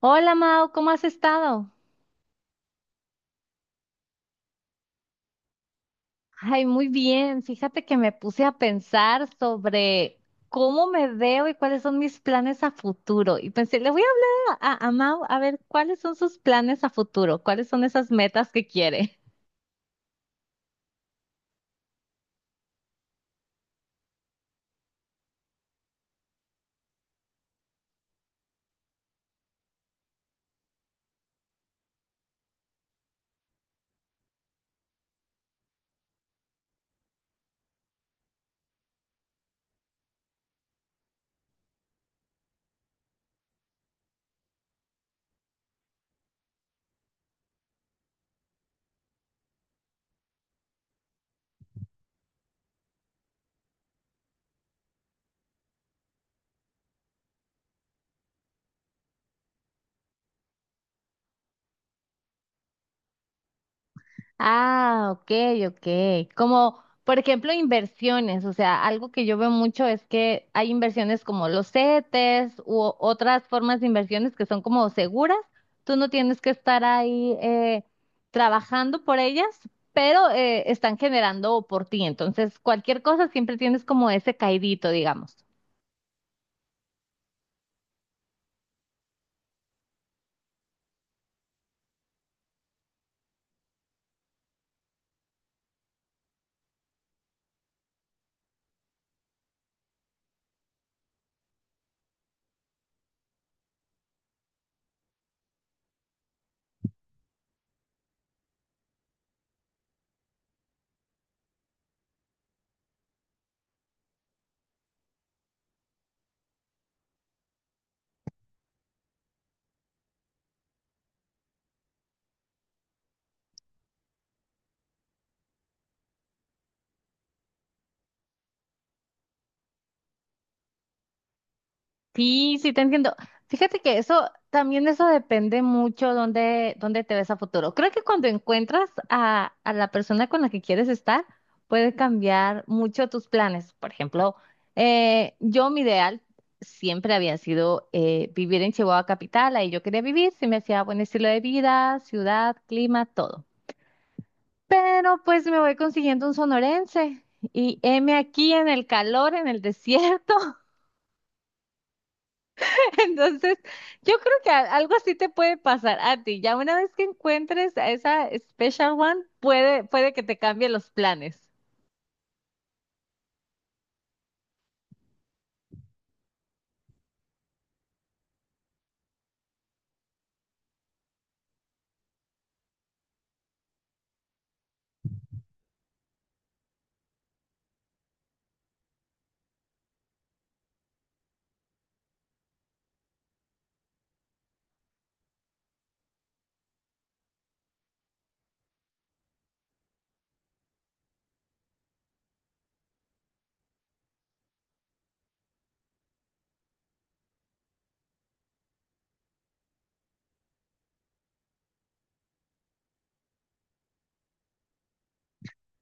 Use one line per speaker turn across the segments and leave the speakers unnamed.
Hola Mau, ¿cómo has estado? Ay, muy bien. Fíjate que me puse a pensar sobre cómo me veo y cuáles son mis planes a futuro. Y pensé, le voy a hablar a Mau a ver cuáles son sus planes a futuro, cuáles son esas metas que quiere. Ah, ok, ok. Como, por ejemplo, inversiones. O sea, algo que yo veo mucho es que hay inversiones como los CETES u otras formas de inversiones que son como seguras. Tú no tienes que estar ahí trabajando por ellas, pero están generando por ti. Entonces, cualquier cosa siempre tienes como ese caidito, digamos. Sí, sí, te entiendo. Fíjate que eso también eso depende mucho dónde te ves a futuro. Creo que cuando encuentras a la persona con la que quieres estar, puede cambiar mucho tus planes. Por ejemplo, yo mi ideal siempre había sido vivir en Chihuahua capital, ahí yo quería vivir, se me hacía buen estilo de vida, ciudad, clima, todo. Pero pues me voy consiguiendo un sonorense y heme aquí en el calor, en el desierto. Entonces, yo creo que algo así te puede pasar a ti. Ya una vez que encuentres a esa special one, puede que te cambie los planes.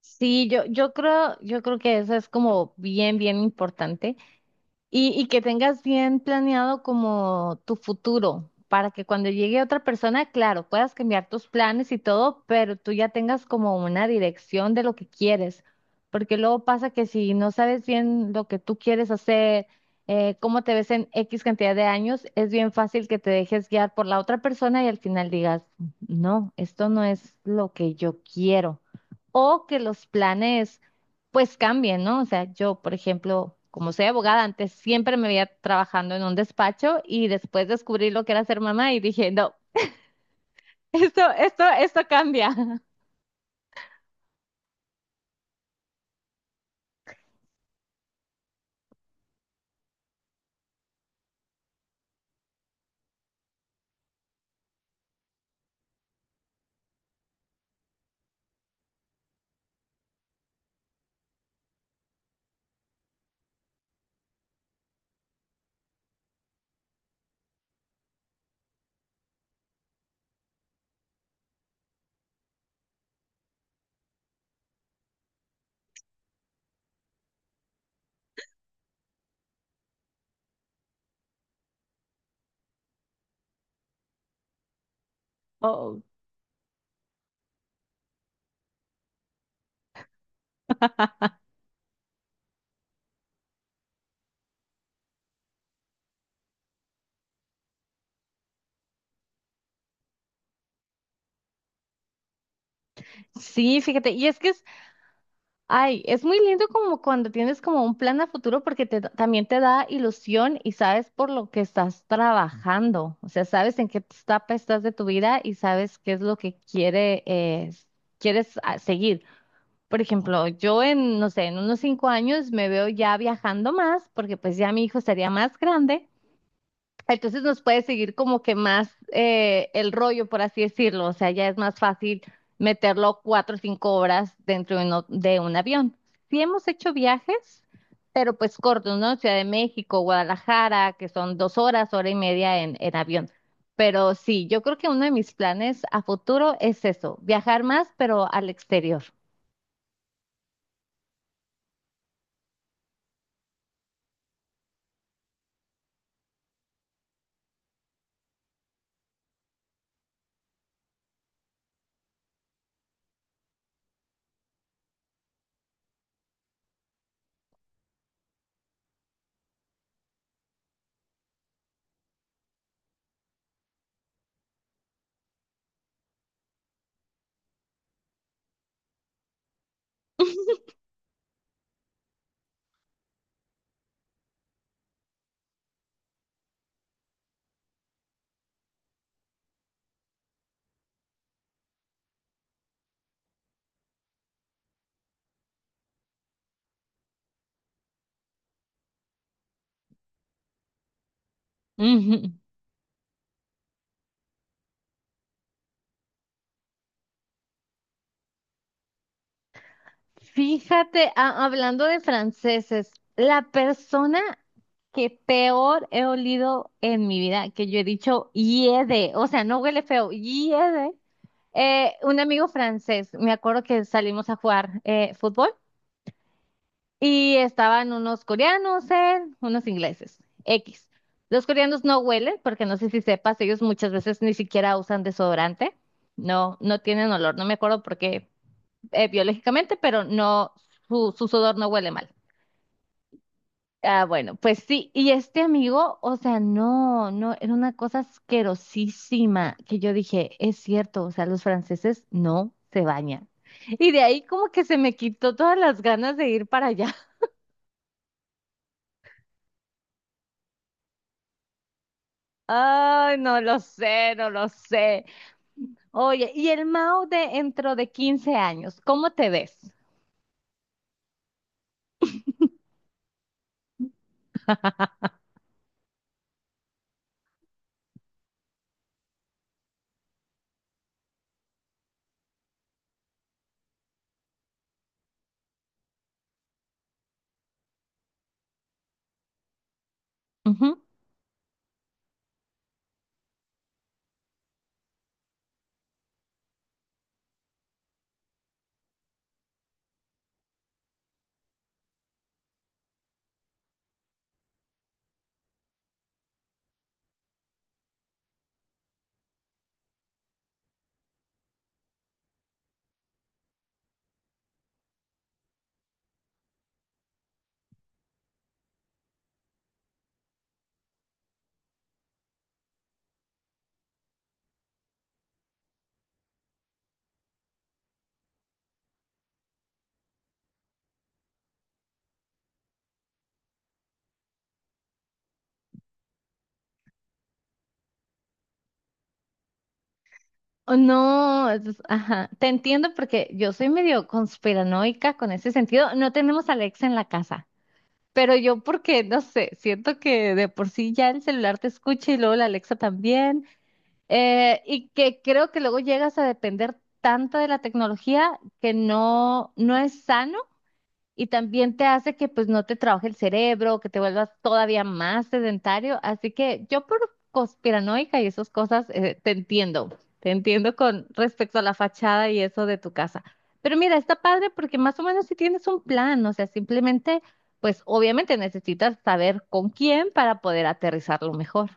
Sí, yo creo que eso es como bien, bien importante. Y que tengas bien planeado como tu futuro, para que cuando llegue otra persona, claro, puedas cambiar tus planes y todo, pero tú ya tengas como una dirección de lo que quieres, porque luego pasa que si no sabes bien lo que tú quieres hacer, cómo te ves en X cantidad de años, es bien fácil que te dejes guiar por la otra persona y al final digas, no, esto no es lo que yo quiero. O que los planes pues cambien, ¿no? O sea, yo, por ejemplo, como soy abogada, antes siempre me veía trabajando en un despacho y después descubrí lo que era ser mamá y dije, no, esto cambia. Oh. Sí, fíjate, y ay, es muy lindo como cuando tienes como un plan a futuro porque también te da ilusión y sabes por lo que estás trabajando, o sea, sabes en qué etapa estás de tu vida y sabes qué es lo que quieres seguir. Por ejemplo, yo en, no sé, en unos 5 años me veo ya viajando más, porque pues ya mi hijo estaría más grande. Entonces nos puede seguir como que más el rollo, por así decirlo. O sea, ya es más fácil meterlo 4 o 5 horas dentro de un avión. Sí hemos hecho viajes, pero pues cortos, ¿no? Ciudad de México, Guadalajara, que son 2 horas, hora y media en, avión. Pero sí, yo creo que uno de mis planes a futuro es eso, viajar más, pero al exterior. Fíjate, hablando de franceses, la persona que peor he olido en mi vida, que yo he dicho hiede, o sea, no huele feo, hiede, un amigo francés, me acuerdo que salimos a jugar fútbol y estaban unos coreanos, él, unos ingleses, X. Los coreanos no huelen, porque no sé si sepas, ellos muchas veces ni siquiera usan desodorante, no, no tienen olor, no me acuerdo por qué biológicamente, pero no, su sudor no huele mal. Ah, bueno, pues sí, y este amigo, o sea, no, no, era una cosa asquerosísima que yo dije, es cierto, o sea, los franceses no se bañan. Y de ahí como que se me quitó todas las ganas de ir para allá. Ay, no lo sé, no lo sé. Oye, y el Mao de dentro de 15 años, ¿cómo te ves? Oh, no, ajá, te entiendo porque yo soy medio conspiranoica con ese sentido. No tenemos a Alexa en la casa, pero yo porque, no sé, siento que de por sí ya el celular te escucha y luego la Alexa también, y que creo que luego llegas a depender tanto de la tecnología que no, no es sano y también te hace que pues no te trabaje el cerebro, que te vuelvas todavía más sedentario. Así que yo por conspiranoica y esas cosas te entiendo con respecto a la fachada y eso de tu casa. Pero mira, está padre porque más o menos si tienes un plan, o sea, simplemente pues obviamente necesitas saber con quién para poder aterrizarlo mejor.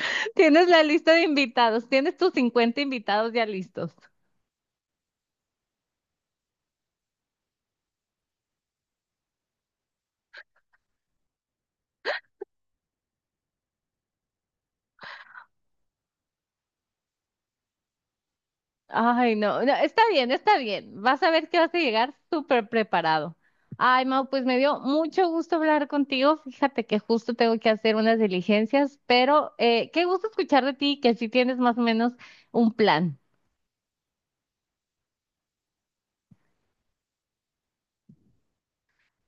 Tienes la lista de invitados, tienes tus 50 invitados ya listos. Ay, no, no, está bien, está bien. Vas a ver que vas a llegar súper preparado. Ay, Mau, pues me dio mucho gusto hablar contigo. Fíjate que justo tengo que hacer unas diligencias, pero qué gusto escuchar de ti, que sí tienes más o menos un plan.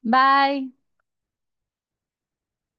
Bye.